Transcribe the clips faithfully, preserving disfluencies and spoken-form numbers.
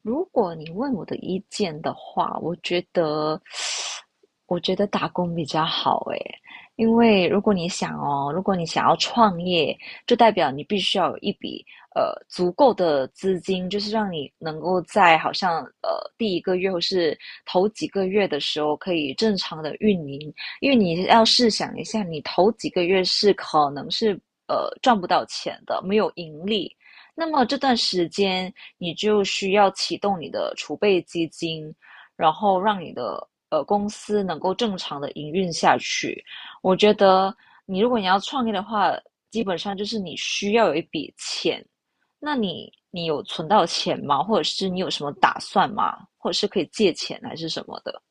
如果你问我的意见的话，我觉得我觉得打工比较好诶。因为如果你想哦，如果你想要创业，就代表你必须要有一笔呃足够的资金，就是让你能够在好像呃第一个月或是头几个月的时候可以正常的运营。因为你要试想一下，你头几个月是可能是呃赚不到钱的，没有盈利。那么这段时间，你就需要启动你的储备基金，然后让你的呃公司能够正常的营运下去。我觉得你如果你要创业的话，基本上就是你需要有一笔钱。那你你有存到钱吗？或者是你有什么打算吗？或者是可以借钱还是什么的？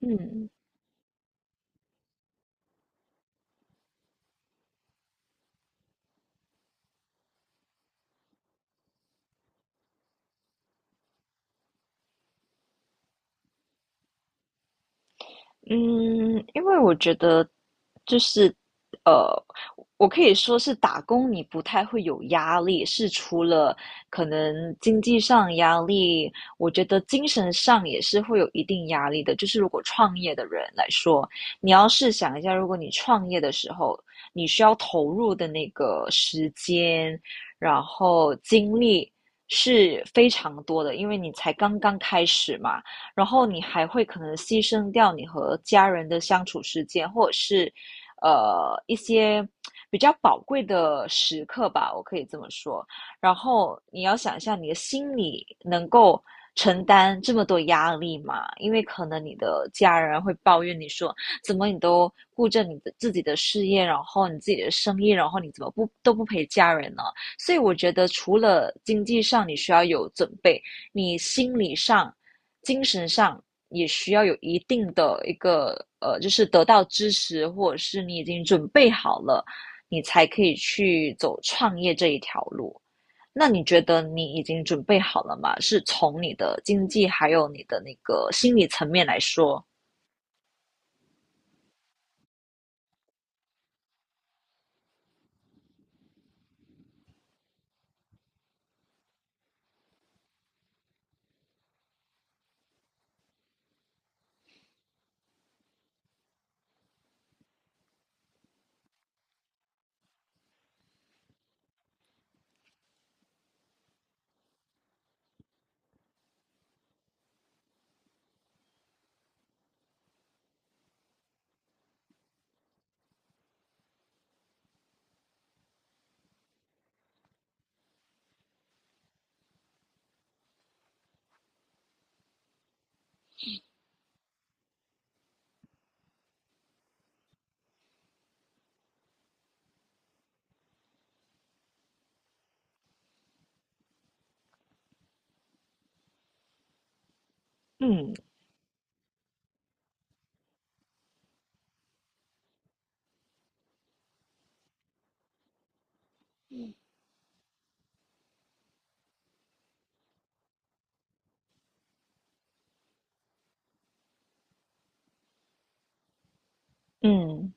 嗯嗯。因为我觉得就是，呃，我可以说是打工，你不太会有压力，是除了可能经济上压力，我觉得精神上也是会有一定压力的。就是如果创业的人来说，你要试想一下，如果你创业的时候，你需要投入的那个时间，然后精力是非常多的，因为你才刚刚开始嘛。然后你还会可能牺牲掉你和家人的相处时间，或者是呃一些比较宝贵的时刻吧，我可以这么说。然后你要想一下，你的心理能够承担这么多压力吗？因为可能你的家人会抱怨你说，怎么你都顾着你的自己的事业，然后你自己的生意，然后你怎么不都不陪家人呢？所以我觉得，除了经济上你需要有准备，你心理上精神上也需要有一定的一个呃，就是得到支持，或者是你已经准备好了，你才可以去走创业这一条路。那你觉得你已经准备好了吗？是从你的经济还有你的那个心理层面来说。嗯嗯，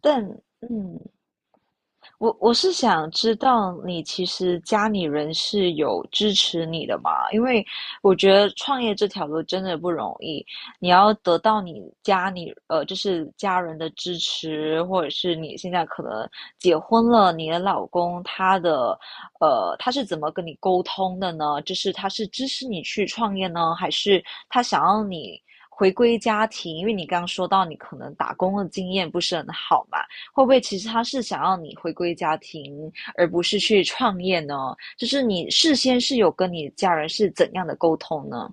但嗯，我我是想知道你其实家里人是有支持你的嘛？因为我觉得创业这条路真的不容易，你要得到你家里呃，就是家人的支持，或者是你现在可能结婚了，你的老公他的呃，他是怎么跟你沟通的呢？就是他是支持你去创业呢，还是他想要你回归家庭？因为你刚刚说到你可能打工的经验不是很好嘛。会不会其实他是想要你回归家庭，而不是去创业呢？就是你事先是有跟你家人是怎样的沟通呢？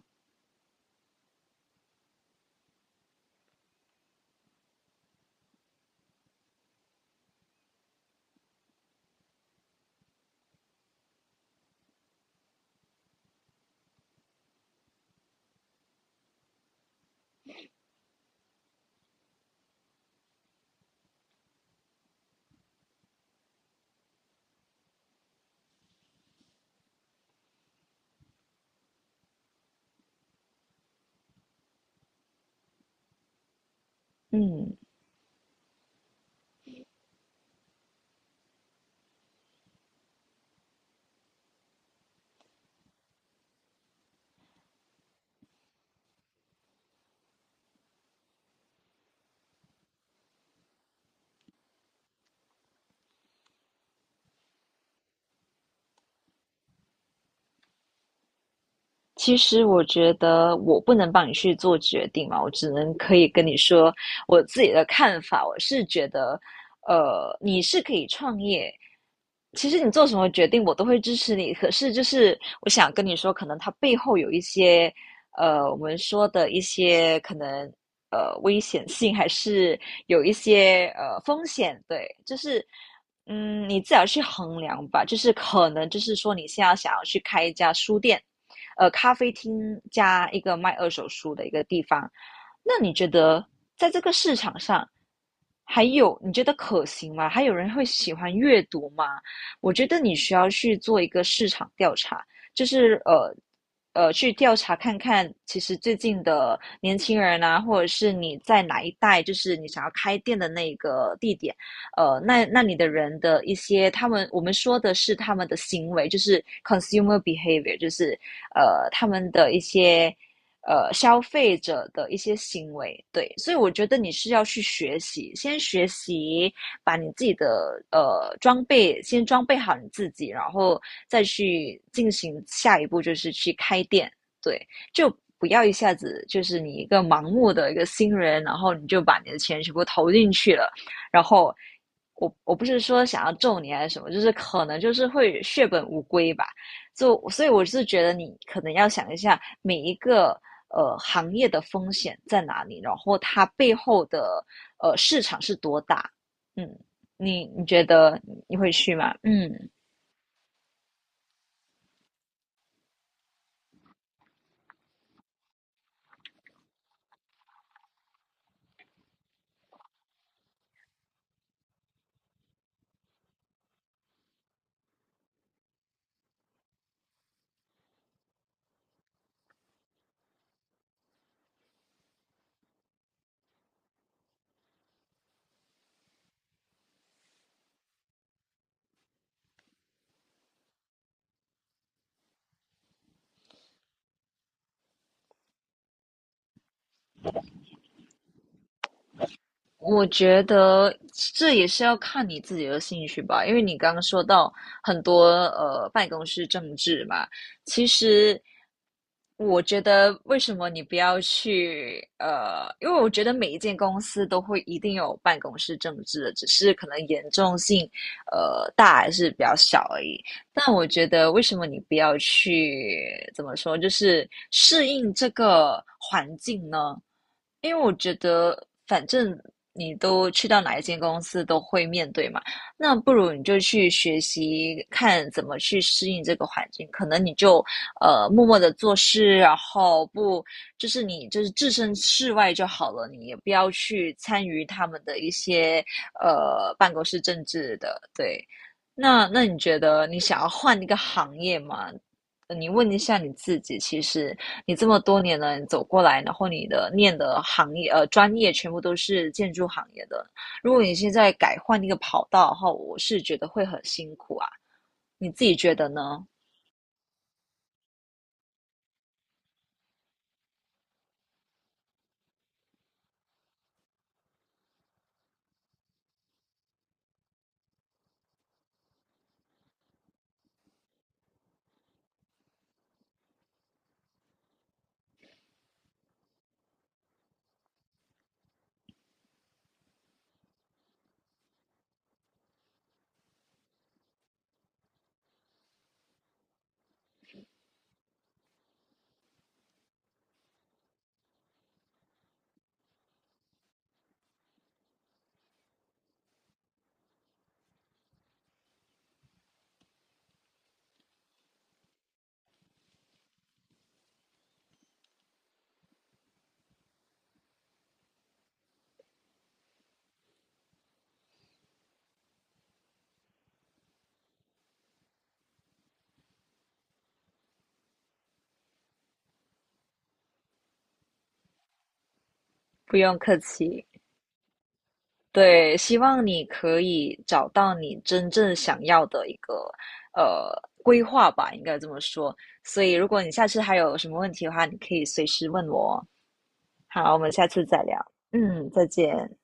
嗯。其实我觉得我不能帮你去做决定嘛，我只能可以跟你说我自己的看法。我是觉得，呃，你是可以创业，其实你做什么决定我都会支持你。可是就是我想跟你说，可能它背后有一些，呃，我们说的一些可能呃危险性，还是有一些呃风险。对，就是。嗯，你自己要去衡量吧。就是可能，就是说你现在想要去开一家书店，呃咖啡厅加一个卖二手书的一个地方。那你觉得在这个市场上，还有你觉得可行吗？还有人会喜欢阅读吗？我觉得你需要去做一个市场调查，就是呃呃去调查看看，其实最近的年轻人啊，或者是你在哪一带，就是你想要开店的那个地点，呃，那那你的人的一些，他们我们说的是他们的行为，就是 consumer behavior,就是呃他们的一些呃消费者的一些行为。对，所以我觉得你是要去学习，先学习把你自己的呃装备先装备好你自己，然后再去进行下一步，就是去开店。对，就。不要一下子就是你一个盲目的一个新人，然后你就把你的钱全部投进去了，然后我我不是说想要咒你还是什么，就是可能就是会血本无归吧。就所以我是觉得你可能要想一下每一个呃行业的风险在哪里，然后它背后的呃市场是多大。嗯，你你觉得你会去吗？嗯，我觉得这也是要看你自己的兴趣吧。因为你刚刚说到很多呃办公室政治嘛，其实我觉得为什么你不要去？呃，因为我觉得每一间公司都会一定有办公室政治的，只是可能严重性呃，大还是比较小而已。但我觉得为什么你不要去怎么说，就是适应这个环境呢？因为我觉得反正你都去到哪一间公司都会面对嘛，那不如你就去学习看怎么去适应这个环境。可能你就呃，默默的做事，然后不就是你就是置身事外就好了，你也不要去参与他们的一些呃办公室政治的。对，那那你觉得你想要换一个行业吗？呃你问一下你自己，其实你这么多年了，你走过来，然后你的念的行业呃专业全部都是建筑行业的，如果你现在改换一个跑道的话，我是觉得会很辛苦啊。你自己觉得呢？不用客气。对，希望你可以找到你真正想要的一个呃规划吧，应该这么说。所以，如果你下次还有什么问题的话，你可以随时问我哦。好，我们下次再聊。嗯，再见。